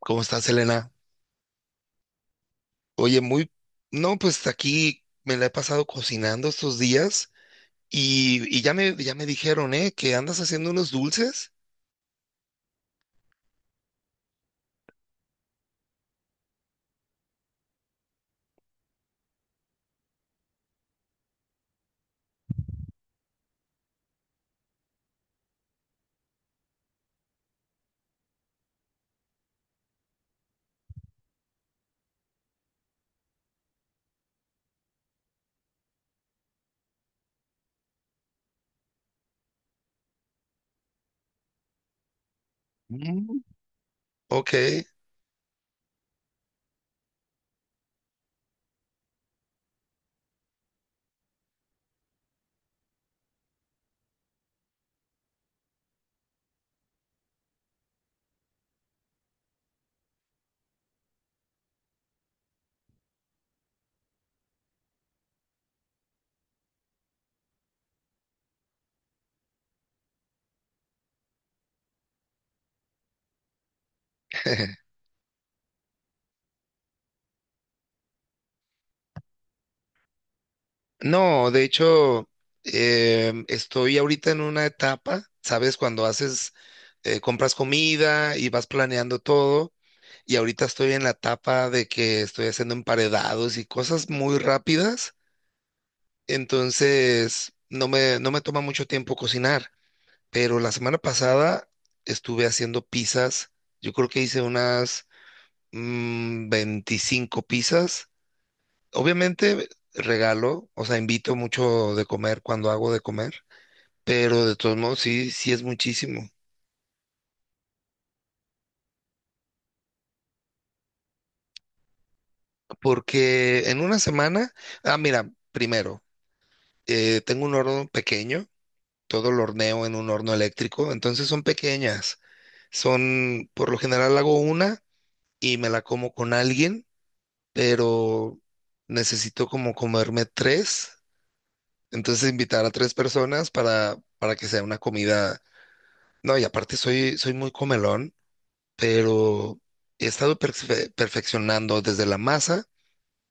¿Cómo estás, Elena? Oye, muy... No, pues aquí me la he pasado cocinando estos días y ya me dijeron, ¿eh? Que andas haciendo unos dulces. Mm. Ok. No, de hecho, estoy ahorita en una etapa, ¿sabes? Cuando haces, compras comida y vas planeando todo. Y ahorita estoy en la etapa de que estoy haciendo emparedados y cosas muy rápidas. Entonces, no me toma mucho tiempo cocinar, pero la semana pasada estuve haciendo pizzas. Yo creo que hice unas 25 pizzas. Obviamente regalo, o sea, invito mucho de comer cuando hago de comer, pero de todos modos sí, sí es muchísimo. Porque en una semana, ah, mira, primero, tengo un horno pequeño, todo lo horneo en un horno eléctrico, entonces son pequeñas. Son, por lo general hago una. Y me la como con alguien, pero necesito como comerme tres, entonces invitar a tres personas para que sea una comida. No, y aparte soy muy comelón, pero he estado perfeccionando desde la masa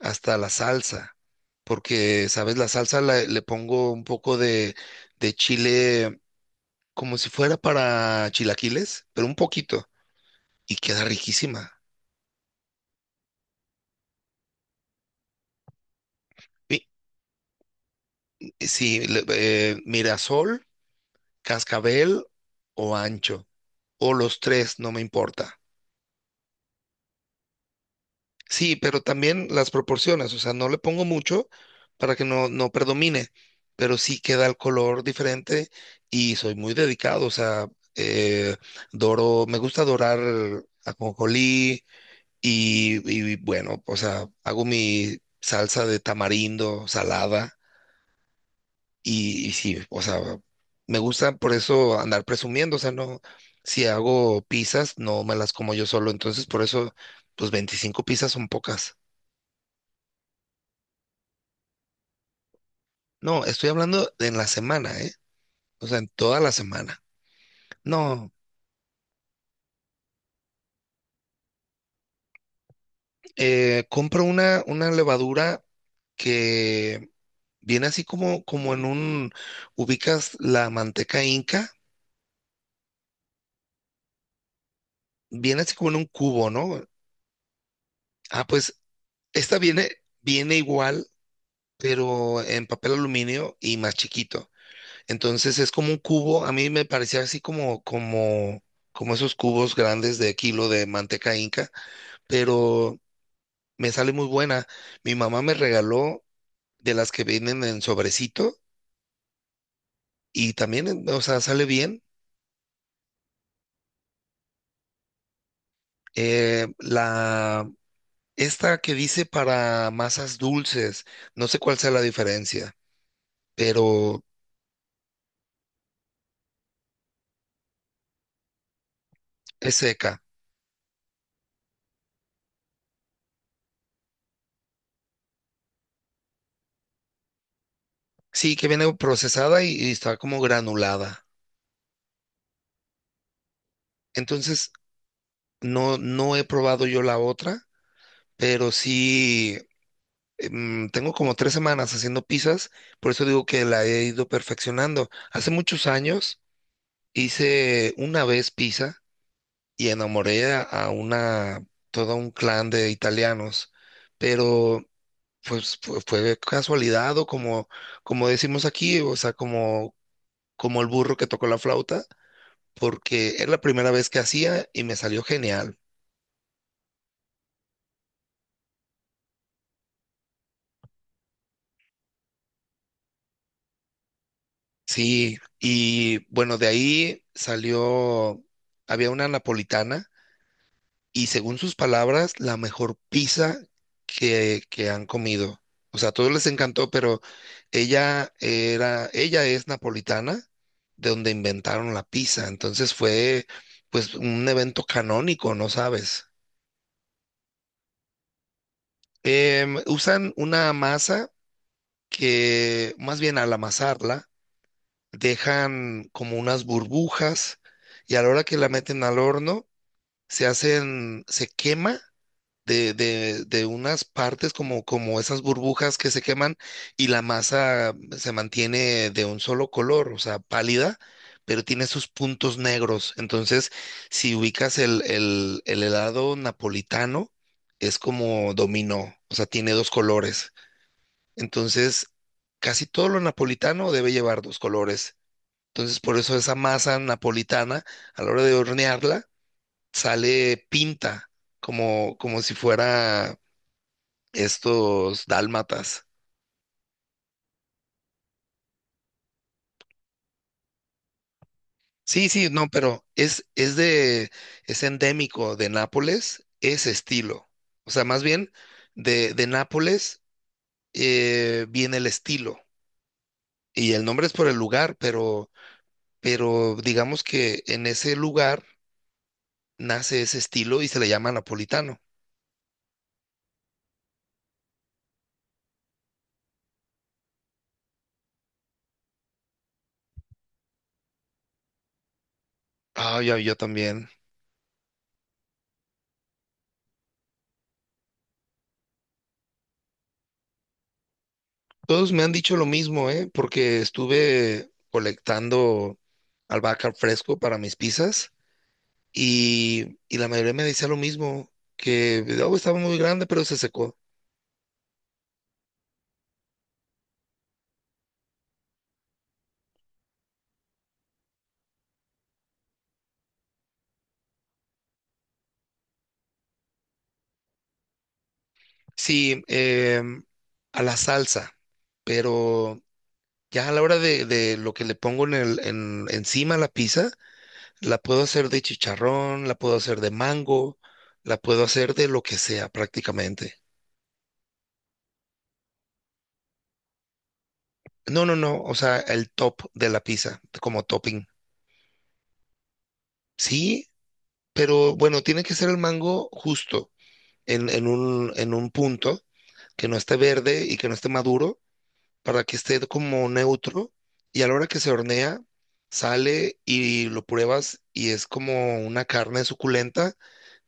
hasta la salsa, porque, ¿sabes? La salsa le pongo un poco de chile como si fuera para chilaquiles, pero un poquito, y queda riquísima. Mi- Sí, Mirasol, cascabel o ancho, o los tres, no me importa. Sí, pero también las proporciones, o sea, no le pongo mucho para que no, no predomine, pero sí queda el color diferente y soy muy dedicado, o sea, eh, doro, me gusta dorar ajonjolí. Y, y bueno, o sea, hago mi salsa de tamarindo salada. Y sí, o sea, me gusta por eso andar presumiendo, o sea, no, si hago pizzas, no me las como yo solo, entonces por eso, pues 25 pizzas son pocas. No, estoy hablando de en la semana, ¿eh? O sea, en toda la semana. No, compro una levadura que viene así como, como en ubicas la manteca inca, viene así como en un cubo, ¿no? Ah, pues esta viene, viene igual, pero en papel aluminio y más chiquito. Entonces es como un cubo, a mí me parecía así como esos cubos grandes de kilo de manteca inca, pero me sale muy buena. Mi mamá me regaló de las que vienen en sobrecito y también, o sea, sale bien. Eh, la, esta que dice para masas dulces, no sé cuál sea la diferencia, pero es seca. Sí, que viene procesada y está como granulada. Entonces, no he probado yo la otra, pero sí, tengo como 3 semanas haciendo pizzas, por eso digo que la he ido perfeccionando. Hace muchos años hice una vez pizza y enamoré a todo un clan de italianos, pero pues fue casualidad o como, como decimos aquí, o sea, como, como el burro que tocó la flauta, porque era la primera vez que hacía y me salió genial. Sí, y bueno, de ahí salió, había una napolitana y según sus palabras, la mejor pizza que han comido. O sea, a todos les encantó, pero ella era, ella es napolitana, de donde inventaron la pizza. Entonces fue pues un evento canónico, ¿no sabes? Usan una masa más bien al amasarla, dejan como unas burbujas, y a la hora que la meten al horno, se hacen, se quema de unas partes como, como esas burbujas que se queman, y la masa se mantiene de un solo color, o sea, pálida, pero tiene sus puntos negros. Entonces, si ubicas el helado napolitano, es como dominó, o sea, tiene dos colores. Entonces, casi todo lo napolitano debe llevar dos colores. Entonces, por eso esa masa napolitana, a la hora de hornearla, sale pinta, como, como si fuera estos dálmatas. Sí, sí, no, pero es endémico de Nápoles, ese estilo. O sea, más bien de Nápoles viene el estilo. Y el nombre es por el lugar, pero digamos que en ese lugar nace ese estilo y se le llama napolitano. Ah, ya, yo también. Todos me han dicho lo mismo, ¿eh? Porque estuve colectando albahaca fresco para mis pizzas, y la mayoría me decía lo mismo, que "Oh, estaba muy grande, pero se secó". Sí, a la salsa, pero ya a la hora de lo que le pongo en encima a la pizza, la puedo hacer de chicharrón, la puedo hacer de mango, la puedo hacer de lo que sea prácticamente. No, no, no, o sea, el top de la pizza como topping. Sí, pero bueno, tiene que ser el mango justo en un punto que no esté verde y que no esté maduro para que esté como neutro. Y a la hora que se hornea, sale y lo pruebas y es como una carne suculenta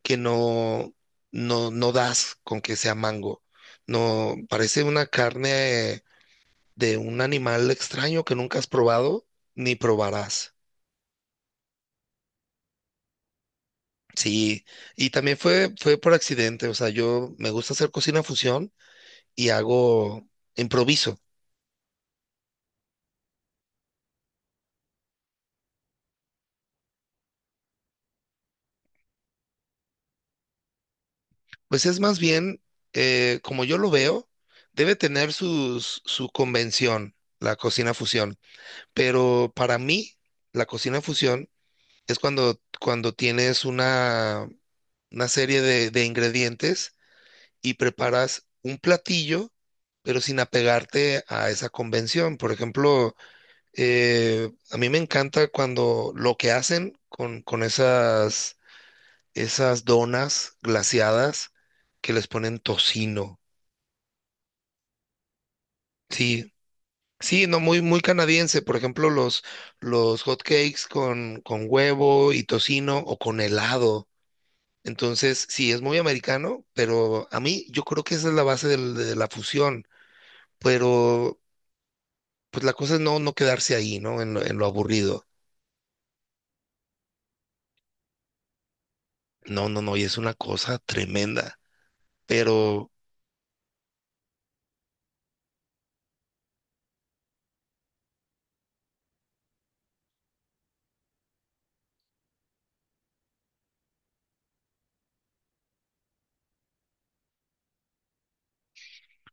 que no, no, no das con que sea mango. No, parece una carne de un animal extraño que nunca has probado ni probarás. Sí, y también fue por accidente, o sea, yo me gusta hacer cocina fusión y hago improviso. Pues es más bien, como yo lo veo, debe tener su convención, la cocina fusión. Pero para mí, la cocina fusión es cuando, cuando tienes una serie de ingredientes y preparas un platillo, pero sin apegarte a esa convención. Por ejemplo, a mí me encanta cuando lo que hacen con esas donas glaseadas que les ponen tocino. Sí, sí, no, muy, muy canadiense. Por ejemplo, los hot cakes con huevo y tocino o con helado. Entonces, sí, es muy americano, pero a mí yo creo que esa es la base de la fusión. Pero, pues la cosa es no, no quedarse ahí, ¿no? En lo aburrido. No, no, no, y es una cosa tremenda. Pero,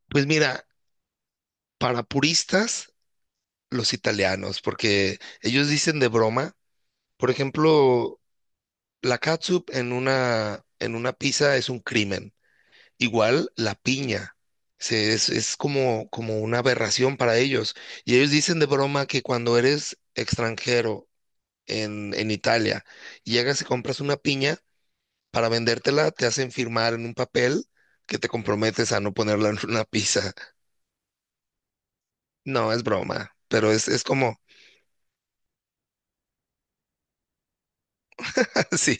pues mira, para puristas, los italianos, porque ellos dicen de broma. Por ejemplo, la catsup en una pizza es un crimen. Igual la piña. Es como, como una aberración para ellos. Y ellos dicen de broma que cuando eres extranjero en Italia y llegas y compras una piña, para vendértela te hacen firmar en un papel que te comprometes a no ponerla en una pizza. No, es broma, pero es como, sí.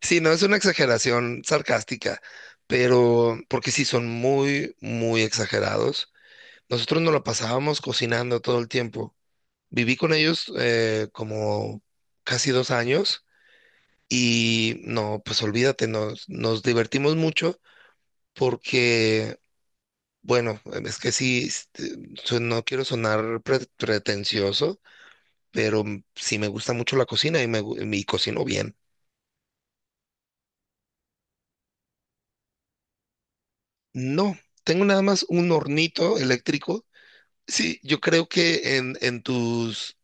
Sí, no es una exageración sarcástica, pero porque sí son muy, muy exagerados. Nosotros nos la pasábamos cocinando todo el tiempo. Viví con ellos como casi 2 años, y no, pues olvídate, nos divertimos mucho porque, bueno, es que sí, no quiero sonar pretencioso, pero sí me gusta mucho la cocina y y cocino bien. No, tengo nada más un hornito eléctrico. Sí, yo creo que en, en tus,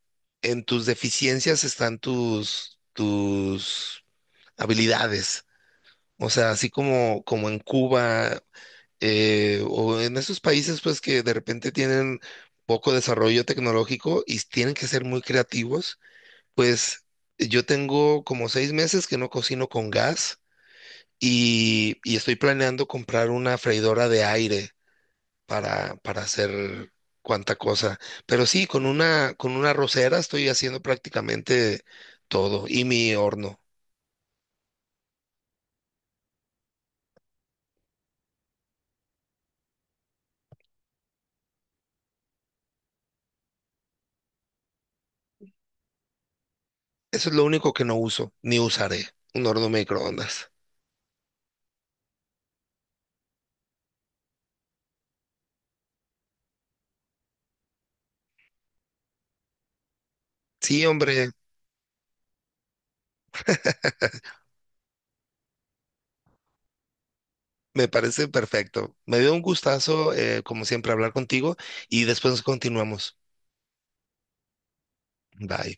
en tus deficiencias están tus habilidades. O sea, así como, como en Cuba o en esos países pues que de repente tienen poco desarrollo tecnológico y tienen que ser muy creativos, pues yo tengo como 6 meses que no cocino con gas, y estoy planeando comprar una freidora de aire para hacer cuanta cosa. Pero sí, con una rosera estoy haciendo prácticamente todo. Y mi horno. Eso es lo único que no uso, ni usaré. Un horno microondas. Sí, hombre, me parece perfecto. Me dio un gustazo, como siempre, hablar contigo y después continuamos. Bye.